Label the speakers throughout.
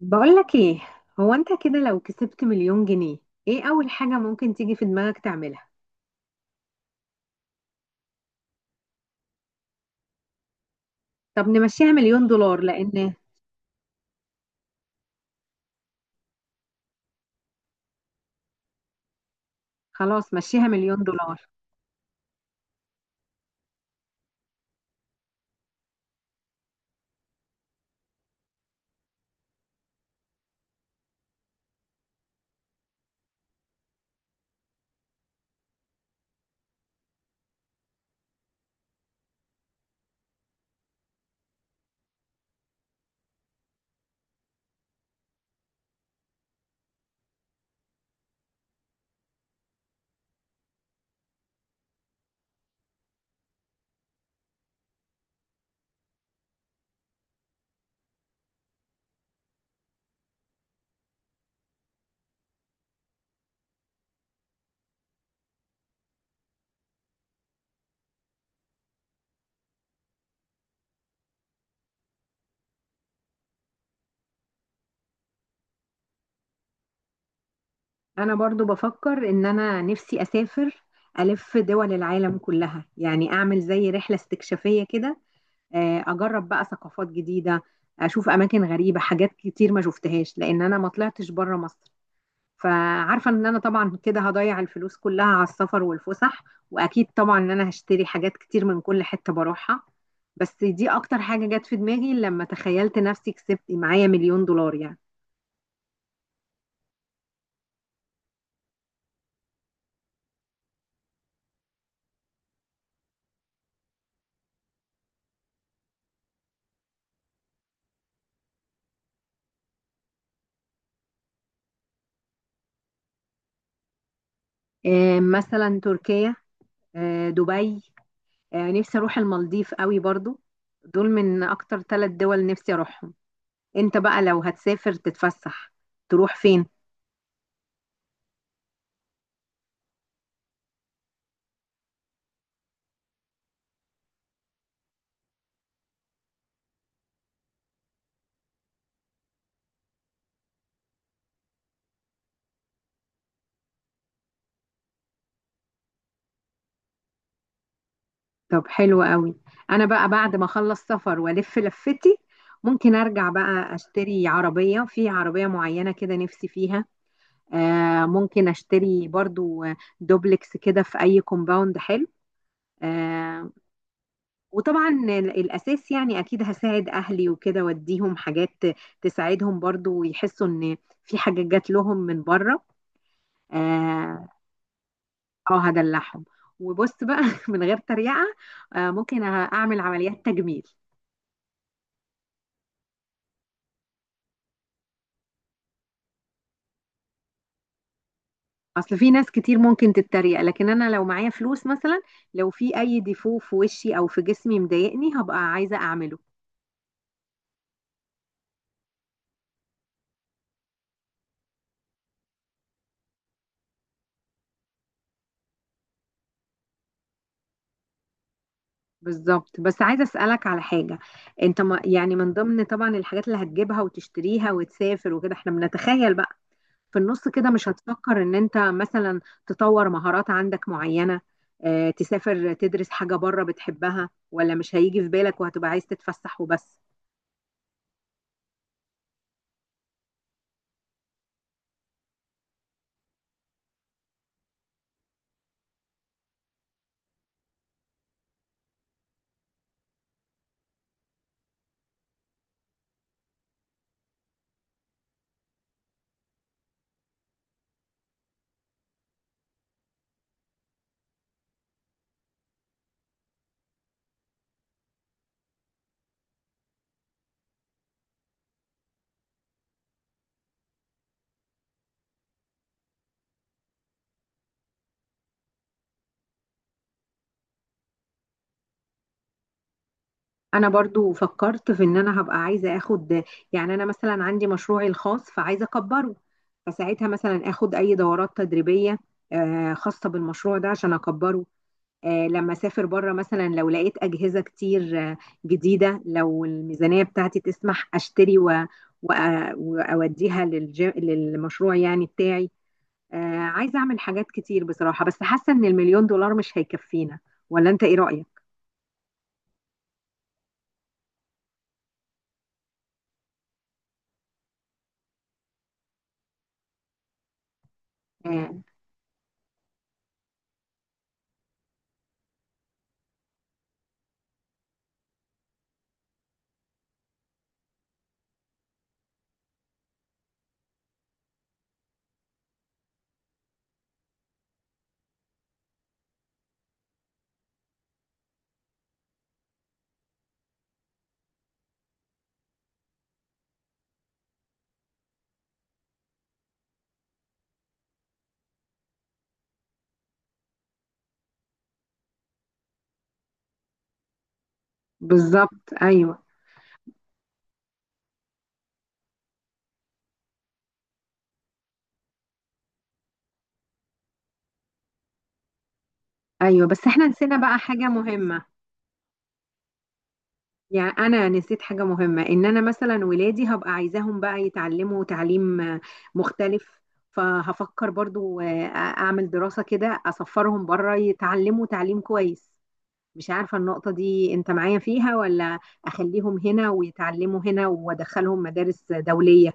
Speaker 1: بقولك ايه؟ هو انت كده لو كسبت مليون جنيه، ايه اول حاجة ممكن تيجي في دماغك تعملها؟ طب نمشيها مليون دولار لان... خلاص مشيها مليون دولار. انا برضو بفكر ان انا نفسي اسافر الف دول العالم كلها، يعني اعمل زي رحلة استكشافية كده. اجرب بقى ثقافات جديدة، اشوف اماكن غريبة، حاجات كتير ما شفتهاش لان انا ما طلعتش بره مصر. فعارفة ان انا طبعا كده هضيع الفلوس كلها على السفر والفسح، واكيد طبعا ان انا هشتري حاجات كتير من كل حتة بروحها. بس دي اكتر حاجة جت في دماغي لما تخيلت نفسي كسبت معايا مليون دولار يعني. مثلا تركيا، دبي، نفسي اروح المالديف قوي برضو. دول من اكتر ثلاث دول نفسي اروحهم. انت بقى لو هتسافر تتفسح تروح فين؟ طب حلو قوي. انا بقى بعد ما اخلص سفر والف لفتي ممكن ارجع بقى اشتري عربية، في عربية معينة كده نفسي فيها. آه ممكن اشتري برضو دوبلكس كده في اي كومباوند حلو. آه. وطبعا الاساس، يعني اكيد هساعد اهلي وكده واديهم حاجات تساعدهم برضو، ويحسوا ان في حاجة جات لهم من بره. اه. هدلعهم. وبص بقى من غير تريقة. آه ممكن اعمل عمليات تجميل. اصل في ناس كتير ممكن تتريق، لكن انا لو معايا فلوس مثلا، لو في اي ديفو في وشي او في جسمي مضايقني هبقى عايزه اعمله. بالظبط. بس عايزه اسالك على حاجه. انت ما يعني، من ضمن طبعا الحاجات اللي هتجيبها وتشتريها وتسافر وكده احنا بنتخيل بقى، في النص كده مش هتفكر ان انت مثلا تطور مهارات عندك معينه، اه تسافر تدرس حاجه بره بتحبها، ولا مش هيجي في بالك وهتبقى عايز تتفسح وبس؟ انا برضو فكرت في ان انا هبقى عايزه اخد، يعني انا مثلا عندي مشروعي الخاص فعايزه اكبره، فساعتها مثلا اخد اي دورات تدريبيه خاصه بالمشروع ده عشان اكبره. لما اسافر بره مثلا، لو لقيت اجهزه كتير جديده، لو الميزانيه بتاعتي تسمح اشتري، و... واوديها للمشروع يعني بتاعي. عايزه اعمل حاجات كتير بصراحه، بس حاسه ان المليون دولار مش هيكفينا، ولا انت ايه رايك؟ آه، بالظبط ايوه. ايوه بس احنا نسينا بقى حاجة مهمة. يعني انا نسيت حاجة مهمة، ان انا مثلا ولادي هبقى عايزاهم بقى يتعلموا تعليم مختلف. فهفكر برضو اعمل دراسة كده اسفرهم بره يتعلموا تعليم كويس. مش عارفة النقطة دي انت معايا فيها ولا اخليهم هنا ويتعلموا هنا وادخلهم مدارس دولية؟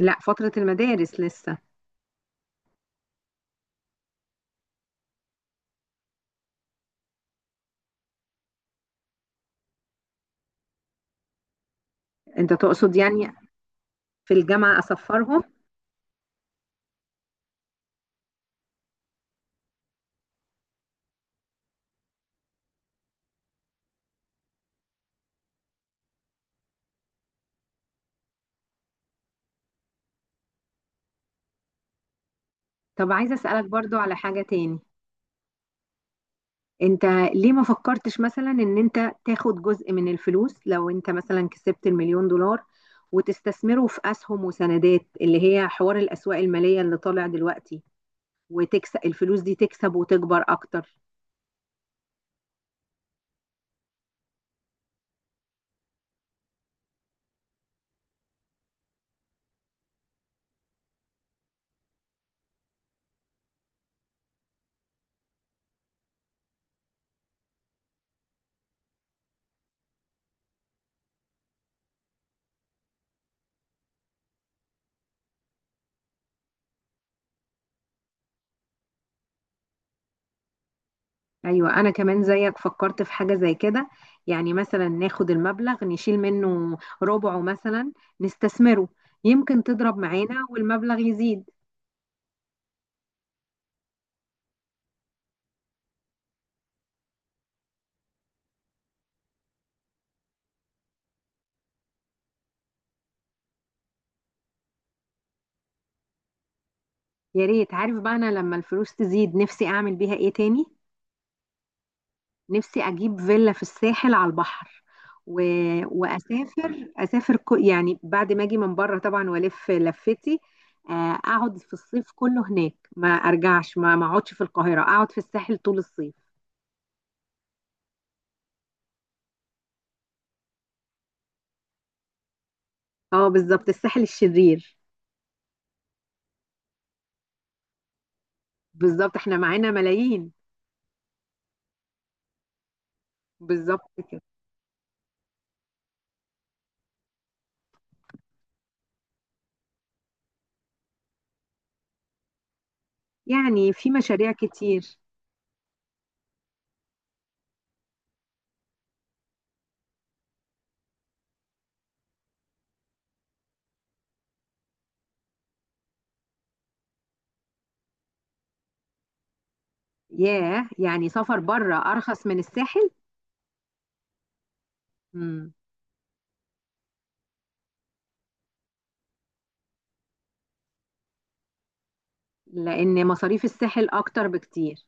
Speaker 1: لا، فترة المدارس لسه. انت تقصد يعني في الجامعة اسفرهم؟ طب عايزة اسألك برضو على حاجة تاني. انت ليه ما فكرتش مثلا ان انت تاخد جزء من الفلوس، لو انت مثلا كسبت المليون دولار، وتستثمره في اسهم وسندات، اللي هي حوار الاسواق المالية اللي طالع دلوقتي، وتكسب الفلوس دي تكسب وتكبر اكتر؟ ايوه انا كمان زيك فكرت في حاجة زي كده. يعني مثلا ناخد المبلغ نشيل منه ربعه مثلا، نستثمره، يمكن تضرب معانا والمبلغ يزيد. يا ريت. عارف بقى انا لما الفلوس تزيد نفسي اعمل بيها ايه تاني؟ نفسي اجيب فيلا في الساحل على البحر و... واسافر اسافر يعني بعد ما اجي من بره طبعا والف لفتي. اقعد في الصيف كله هناك، ما ارجعش، ما اقعدش في القاهره، اقعد في الساحل طول الصيف. اه بالظبط، الساحل الشرير. بالظبط احنا معانا ملايين. بالظبط كده. يعني في مشاريع كتير. ياه، يعني سفر بره ارخص من الساحل. مم. لان مصاريف الساحل اكتر بكتير.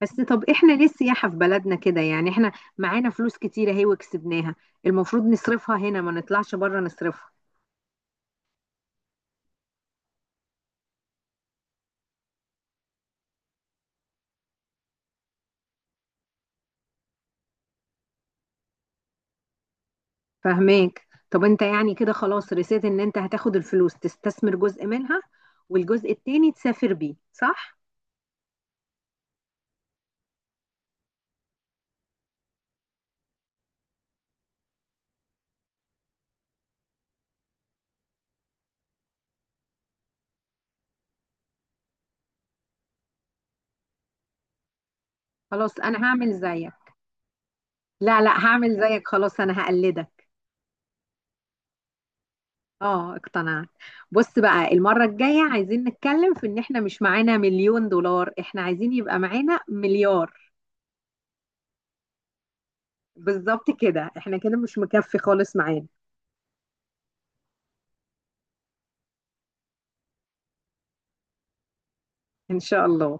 Speaker 1: بس طب احنا ليه السياحة في بلدنا كده، يعني احنا معانا فلوس كتيرة اهي وكسبناها، المفروض نصرفها هنا ما نطلعش بره نصرفها. فاهماك. طب انت يعني كده خلاص رسيت ان انت هتاخد الفلوس تستثمر جزء منها، والجزء التاني تسافر بيه، صح؟ خلاص انا هعمل زيك. لا لا، هعمل زيك خلاص، انا هقلدك. اه اقتنعت. بص بقى المرة الجاية عايزين نتكلم في ان احنا مش معانا مليون دولار، احنا عايزين يبقى معانا مليار. بالظبط كده، احنا كده مش مكفي خالص معانا. إن شاء الله.